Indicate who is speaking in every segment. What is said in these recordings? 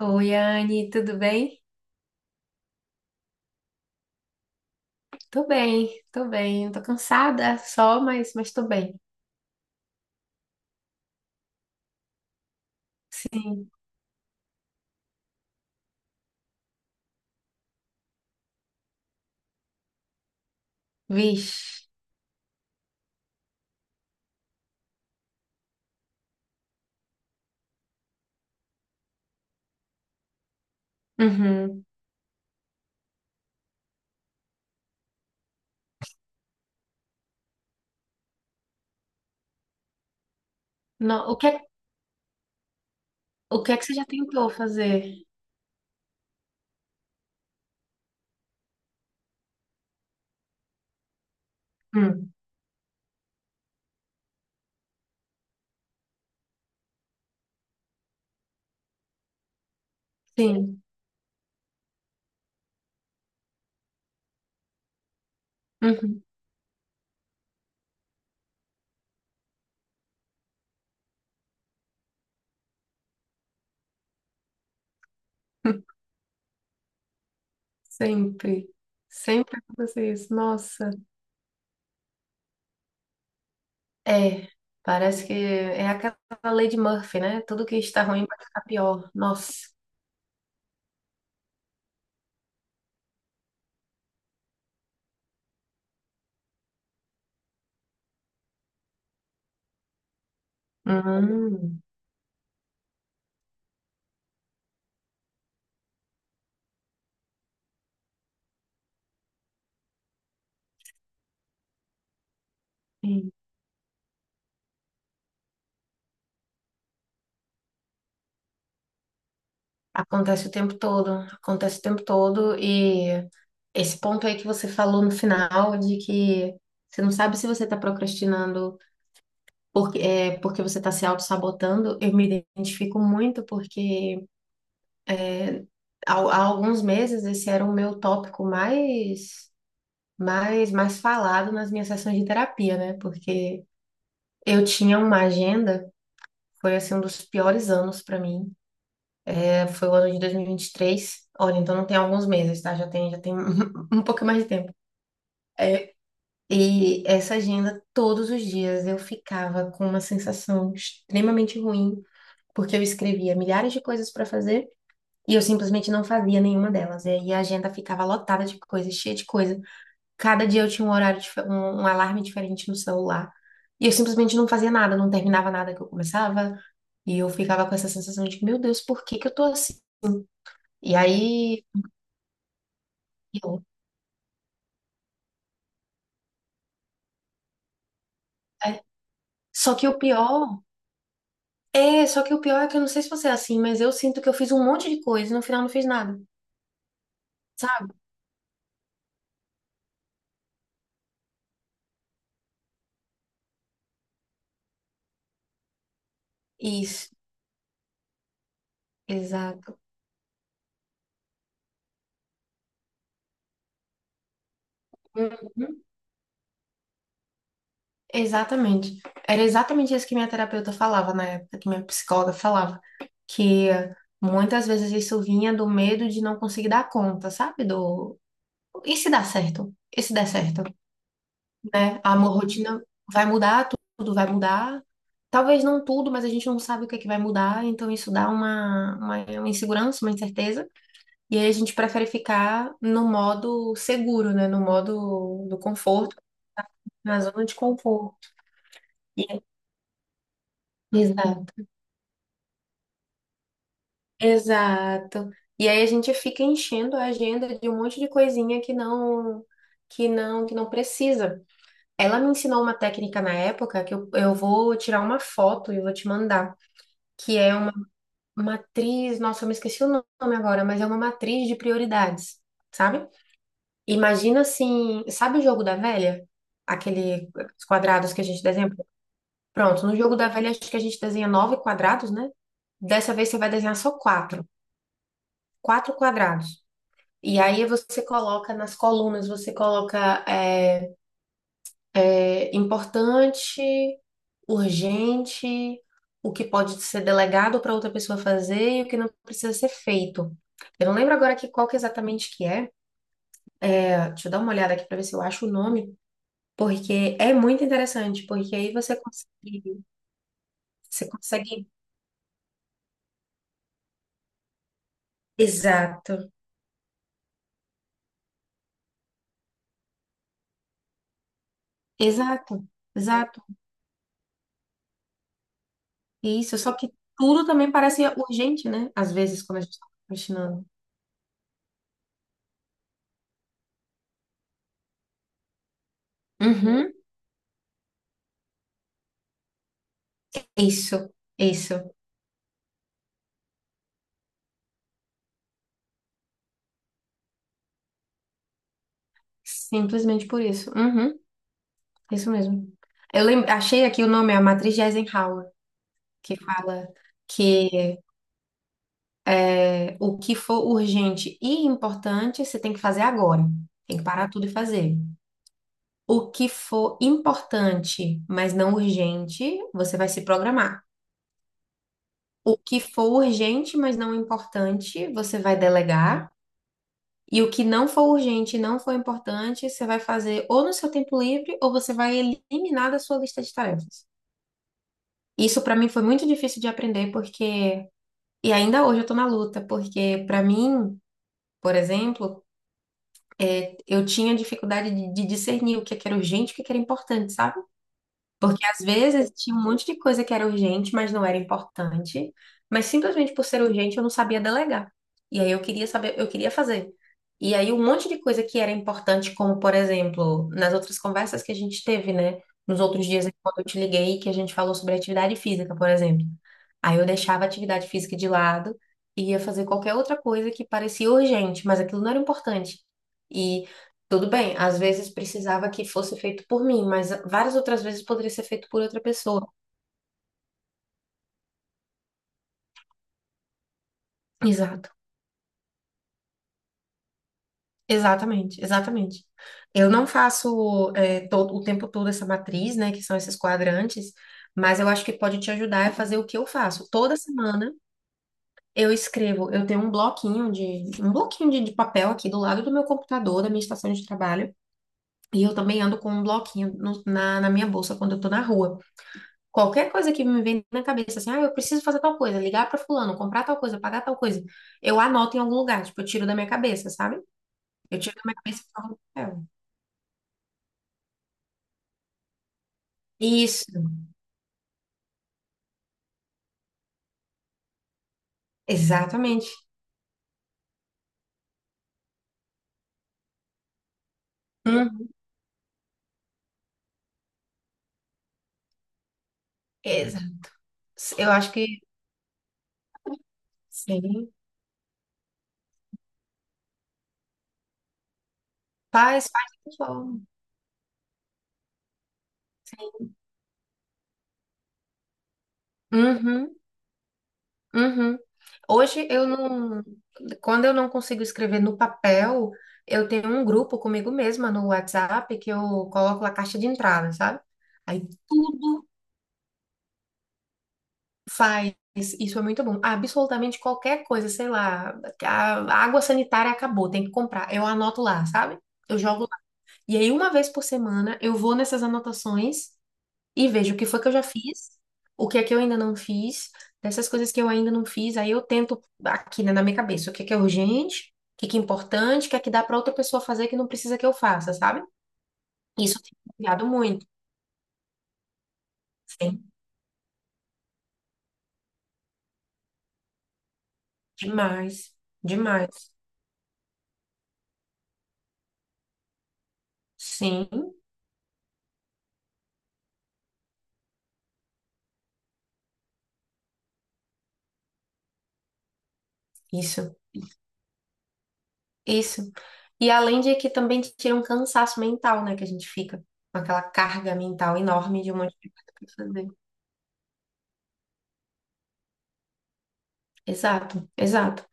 Speaker 1: Oi, Anne, tudo bem? Tô bem, tô bem. Tô cansada só, mas tô bem. Sim, vixe. Uhum. Não, o que é que você já tentou fazer? Hum, sim. Uhum. Sempre. Sempre acontece isso. Nossa. É, parece que é aquela lei de Murphy, né? Tudo que está ruim vai ficar pior. Nossa. Hum. Sim. Acontece o tempo todo. Acontece o tempo todo. Esse ponto aí que você falou no final, de que você não sabe se você está procrastinando porque você está se auto-sabotando, eu me identifico muito porque é, há alguns meses esse era o meu tópico mais falado nas minhas sessões de terapia, né? Porque eu tinha uma agenda, foi assim um dos piores anos para mim. É, foi o ano de dois mil e vinte e três. Olha, então não tem alguns meses, tá? Já tem um pouco mais de tempo. É, e essa agenda, todos os dias, eu ficava com uma sensação extremamente ruim, porque eu escrevia milhares de coisas para fazer e eu simplesmente não fazia nenhuma delas. E aí a agenda ficava lotada de coisas, cheia de coisa. Cada dia eu tinha um horário, um alarme diferente no celular. E eu simplesmente não fazia nada, não terminava nada que eu começava. E eu ficava com essa sensação de, meu Deus, por que que eu tô assim? E aí, eu- é. Só que o pior. É, só que o pior é que eu não sei se você é assim, mas eu sinto que eu fiz um monte de coisa e no final não fiz nada, sabe? Isso, exato. Uhum. Exatamente. Era exatamente isso que minha terapeuta falava na época, que minha psicóloga falava, que muitas vezes isso vinha do medo de não conseguir dar conta, sabe? Do e se dá certo? E se der certo, né? A minha rotina vai mudar, tudo vai mudar. Talvez não tudo, mas a gente não sabe o que é que vai mudar, então isso dá uma, uma insegurança, uma incerteza. E aí a gente prefere ficar no modo seguro, né? No modo do conforto, na zona de conforto. E aí- Exato. Exato. E aí a gente fica enchendo a agenda de um monte de coisinha que não precisa. Ela me ensinou uma técnica na época que eu vou tirar uma foto e vou te mandar, que é uma matriz, nossa, eu me esqueci o nome agora, mas é uma matriz de prioridades, sabe? Imagina assim, sabe o jogo da velha? Aquele Os quadrados que a gente desenha. Pronto, no jogo da velha acho que a gente desenha nove quadrados, né? Dessa vez você vai desenhar só quatro quadrados. E aí você coloca nas colunas, você coloca importante, urgente, o que pode ser delegado para outra pessoa fazer e o que não precisa ser feito. Eu não lembro agora aqui qual que exatamente que é. Deixa eu dar uma olhada aqui para ver se eu acho o nome. Porque é muito interessante, porque aí você consegue, você consegue. Exato, exato, exato. Isso, só que tudo também parece urgente, né? Às vezes, quando a gente está procrastinando. Uhum, isso, isso. Simplesmente por isso. Uhum, isso mesmo. Achei aqui o nome, a Matriz de Eisenhower, que fala que o que for urgente e importante, você tem que fazer agora. Tem que parar tudo e fazer. O que for importante, mas não urgente, você vai se programar. O que for urgente, mas não importante, você vai delegar. E o que não for urgente e não for importante, você vai fazer ou no seu tempo livre ou você vai eliminar da sua lista de tarefas. Isso para mim foi muito difícil de aprender porque e ainda hoje eu tô na luta, porque para mim, por exemplo, eu tinha dificuldade de discernir o que é que era urgente e o que é que era importante, sabe? Porque às vezes tinha um monte de coisa que era urgente, mas não era importante. Mas simplesmente por ser urgente, eu não sabia delegar. E aí eu queria saber, eu queria fazer. E aí um monte de coisa que era importante, como por exemplo, nas outras conversas que a gente teve, né? Nos outros dias, quando eu te liguei, que a gente falou sobre atividade física, por exemplo. Aí eu deixava a atividade física de lado e ia fazer qualquer outra coisa que parecia urgente, mas aquilo não era importante. E tudo bem, às vezes precisava que fosse feito por mim, mas várias outras vezes poderia ser feito por outra pessoa. Exato, exatamente, exatamente. Eu não faço o tempo todo essa matriz, né, que são esses quadrantes, mas eu acho que pode te ajudar a fazer o que eu faço. Toda semana eu escrevo, eu tenho um bloquinho de papel aqui do lado do meu computador, da minha estação de trabalho, e eu também ando com um bloquinho na minha bolsa quando eu tô na rua. Qualquer coisa que me vem na cabeça, assim, ah, eu preciso fazer tal coisa, ligar pra fulano, comprar tal coisa, pagar tal coisa, eu anoto em algum lugar, tipo, eu tiro da minha cabeça, sabe? Eu tiro da minha cabeça e coloco no papel. Isso, exatamente. Hum. exa- Eu acho que sim. Faz, faz dessa forma. Uhum, uhum. Hoje eu não, quando eu não consigo escrever no papel, eu tenho um grupo comigo mesma no WhatsApp que eu coloco a caixa de entrada, sabe? Aí tudo Faz, isso é muito bom. Absolutamente qualquer coisa, sei lá, a água sanitária acabou, tem que comprar. Eu anoto lá, sabe? Eu jogo lá. E aí, uma vez por semana, eu vou nessas anotações e vejo o que foi que eu já fiz, o que é que eu ainda não fiz, dessas coisas que eu ainda não fiz, aí eu tento aqui, né, na minha cabeça, o que é urgente, o que é importante, o que é que dá para outra pessoa fazer que não precisa que eu faça, sabe? Isso tem me ajudado muito. Sim, demais, demais. Sim, isso. Isso. E além de que também te tira um cansaço mental, né? Que a gente fica com aquela carga mental enorme de um monte de coisa pra fazer. Exato, exato.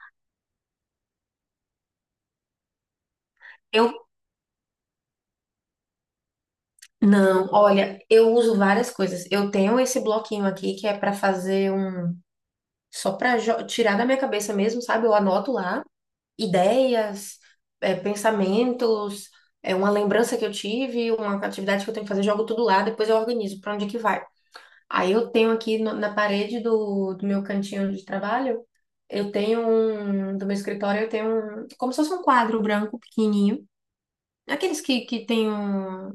Speaker 1: Eu não, Olha, eu uso várias coisas. Eu tenho esse bloquinho aqui que é pra fazer só pra tirar da minha cabeça mesmo, sabe? Eu anoto lá ideias, pensamentos, é uma lembrança que eu tive, uma atividade que eu tenho que fazer, jogo tudo lá, depois eu organizo pra onde que vai. Aí eu tenho aqui no- na, parede do meu cantinho de trabalho, eu tenho um, do meu escritório, como se fosse um quadro branco pequenininho, aqueles que tem um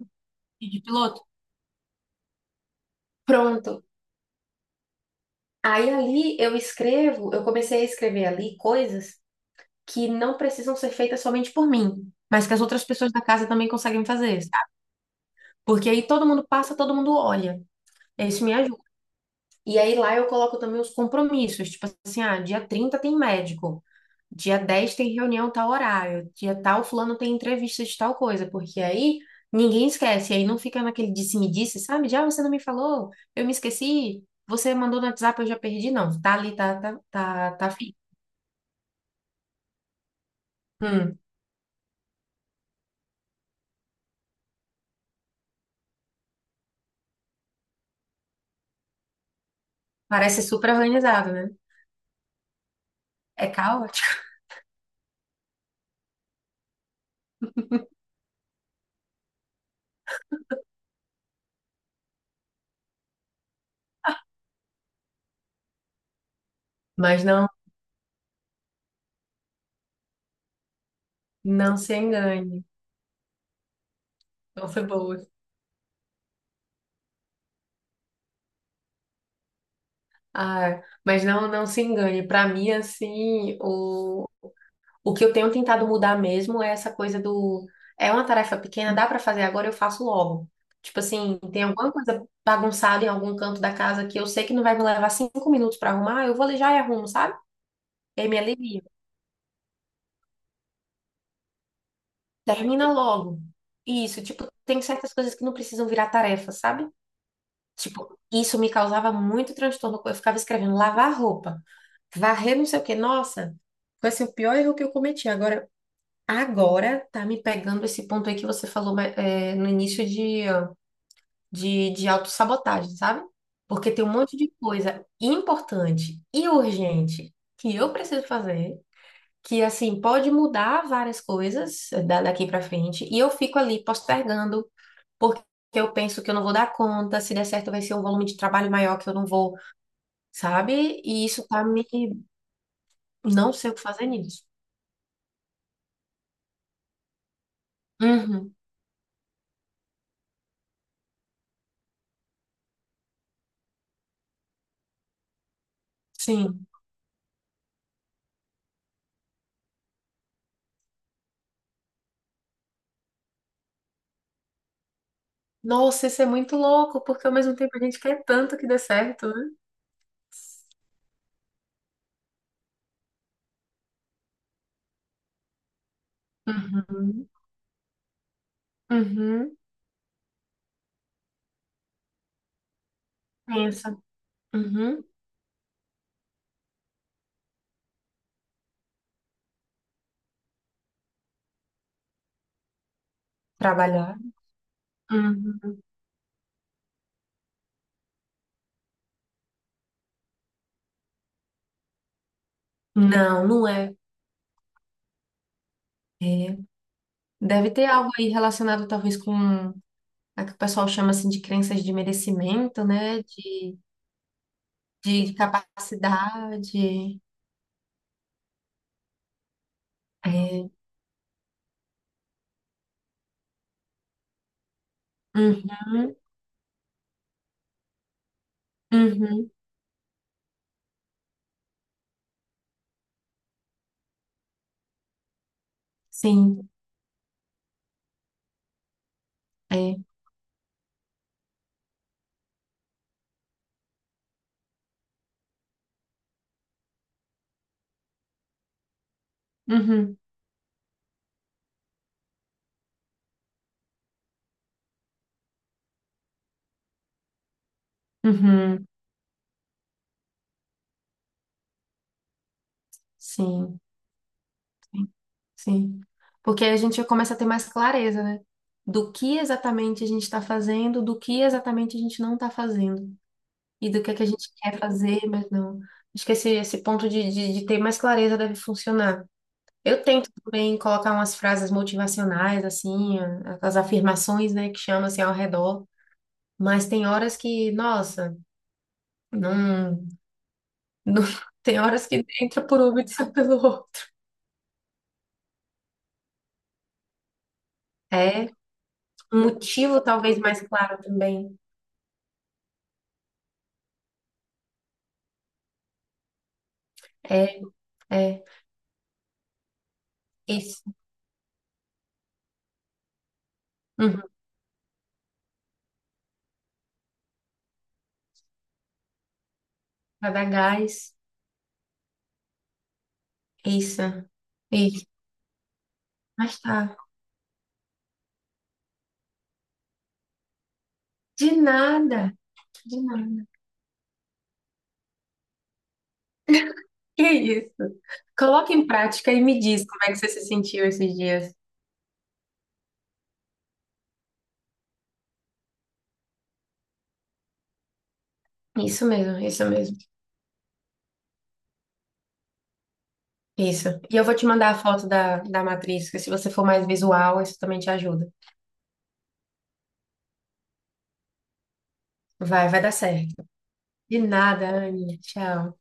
Speaker 1: de piloto. Pronto. Aí ali eu comecei a escrever ali coisas que não precisam ser feitas somente por mim, mas que as outras pessoas da casa também conseguem fazer, sabe? Porque aí todo mundo passa, todo mundo olha. Isso me ajuda. E aí lá eu coloco também os compromissos, tipo assim, ah, dia 30 tem médico. Dia 10 tem reunião tal horário, dia tal fulano tem entrevista de tal coisa, porque aí ninguém esquece, aí não fica naquele disse-me-disse, sabe? De, ah, você não me falou, eu me esqueci, você mandou no WhatsApp, eu já perdi, não. Tá ali, tá, tá, tá, tá fixo. Hum, parece super organizado, né? É caótico, mas não, não se engane. Não foi boa. Ah, mas não, não se engane. Para mim, assim, o que eu tenho tentado mudar mesmo é essa coisa do. É uma tarefa pequena, dá pra fazer agora, eu faço logo. Tipo assim, tem alguma coisa bagunçada em algum canto da casa que eu sei que não vai me levar 5 minutos pra arrumar, eu vou ali já e arrumo, sabe? E aí me alivia. Termina logo. Isso, tipo, tem certas coisas que não precisam virar tarefa, sabe? Tipo, isso me causava muito transtorno. Eu ficava escrevendo lavar roupa, varrer não sei o quê. Nossa, foi assim, o pior erro que eu cometi. Agora. Tá me pegando esse ponto aí que você falou mas, no início de, ó, de autossabotagem, sabe? Porque tem um monte de coisa importante e urgente que eu preciso fazer, que assim pode mudar várias coisas daqui pra frente, e eu fico ali postergando, porque eu penso que eu não vou dar conta, se der certo vai ser um volume de trabalho maior que eu não vou, sabe? E isso tá me. Não sei o que fazer nisso. Uhum, sim. Nossa, isso é muito louco, porque ao mesmo tempo a gente quer tanto que dê certo, né? Uhum, uhum, pensa, uhum, trabalhar, uhum. Não, não é. Deve ter algo aí relacionado talvez com a que o pessoal chama assim de crenças de merecimento, né? De capacidade. É. Uhum, uhum, sim, é. Uhum, uhum, sim. Sim. Porque aí a gente começa a ter mais clareza, né? Do que exatamente a gente está fazendo, do que exatamente a gente não está fazendo. E do que é que a gente quer fazer, mas não. Acho que esse ponto de ter mais clareza deve funcionar. Eu tento também colocar umas frases motivacionais, assim, as afirmações, né, que chamam assim ao redor. Mas tem horas que, nossa, não, não tem horas que entra por uma e sai pelo outro. É um motivo talvez mais claro também. É. É. Isso. Uhum. Vai dar gás. Isso. Isso. Mas tá. De nada. De nada. Que isso? Coloca em prática e me diz como é que você se sentiu esses dias. Isso mesmo, isso mesmo. Isso. E eu vou te mandar a foto da matriz, que se você for mais visual, isso também te ajuda. Vai, vai dar certo. De nada, Anne. Tchau.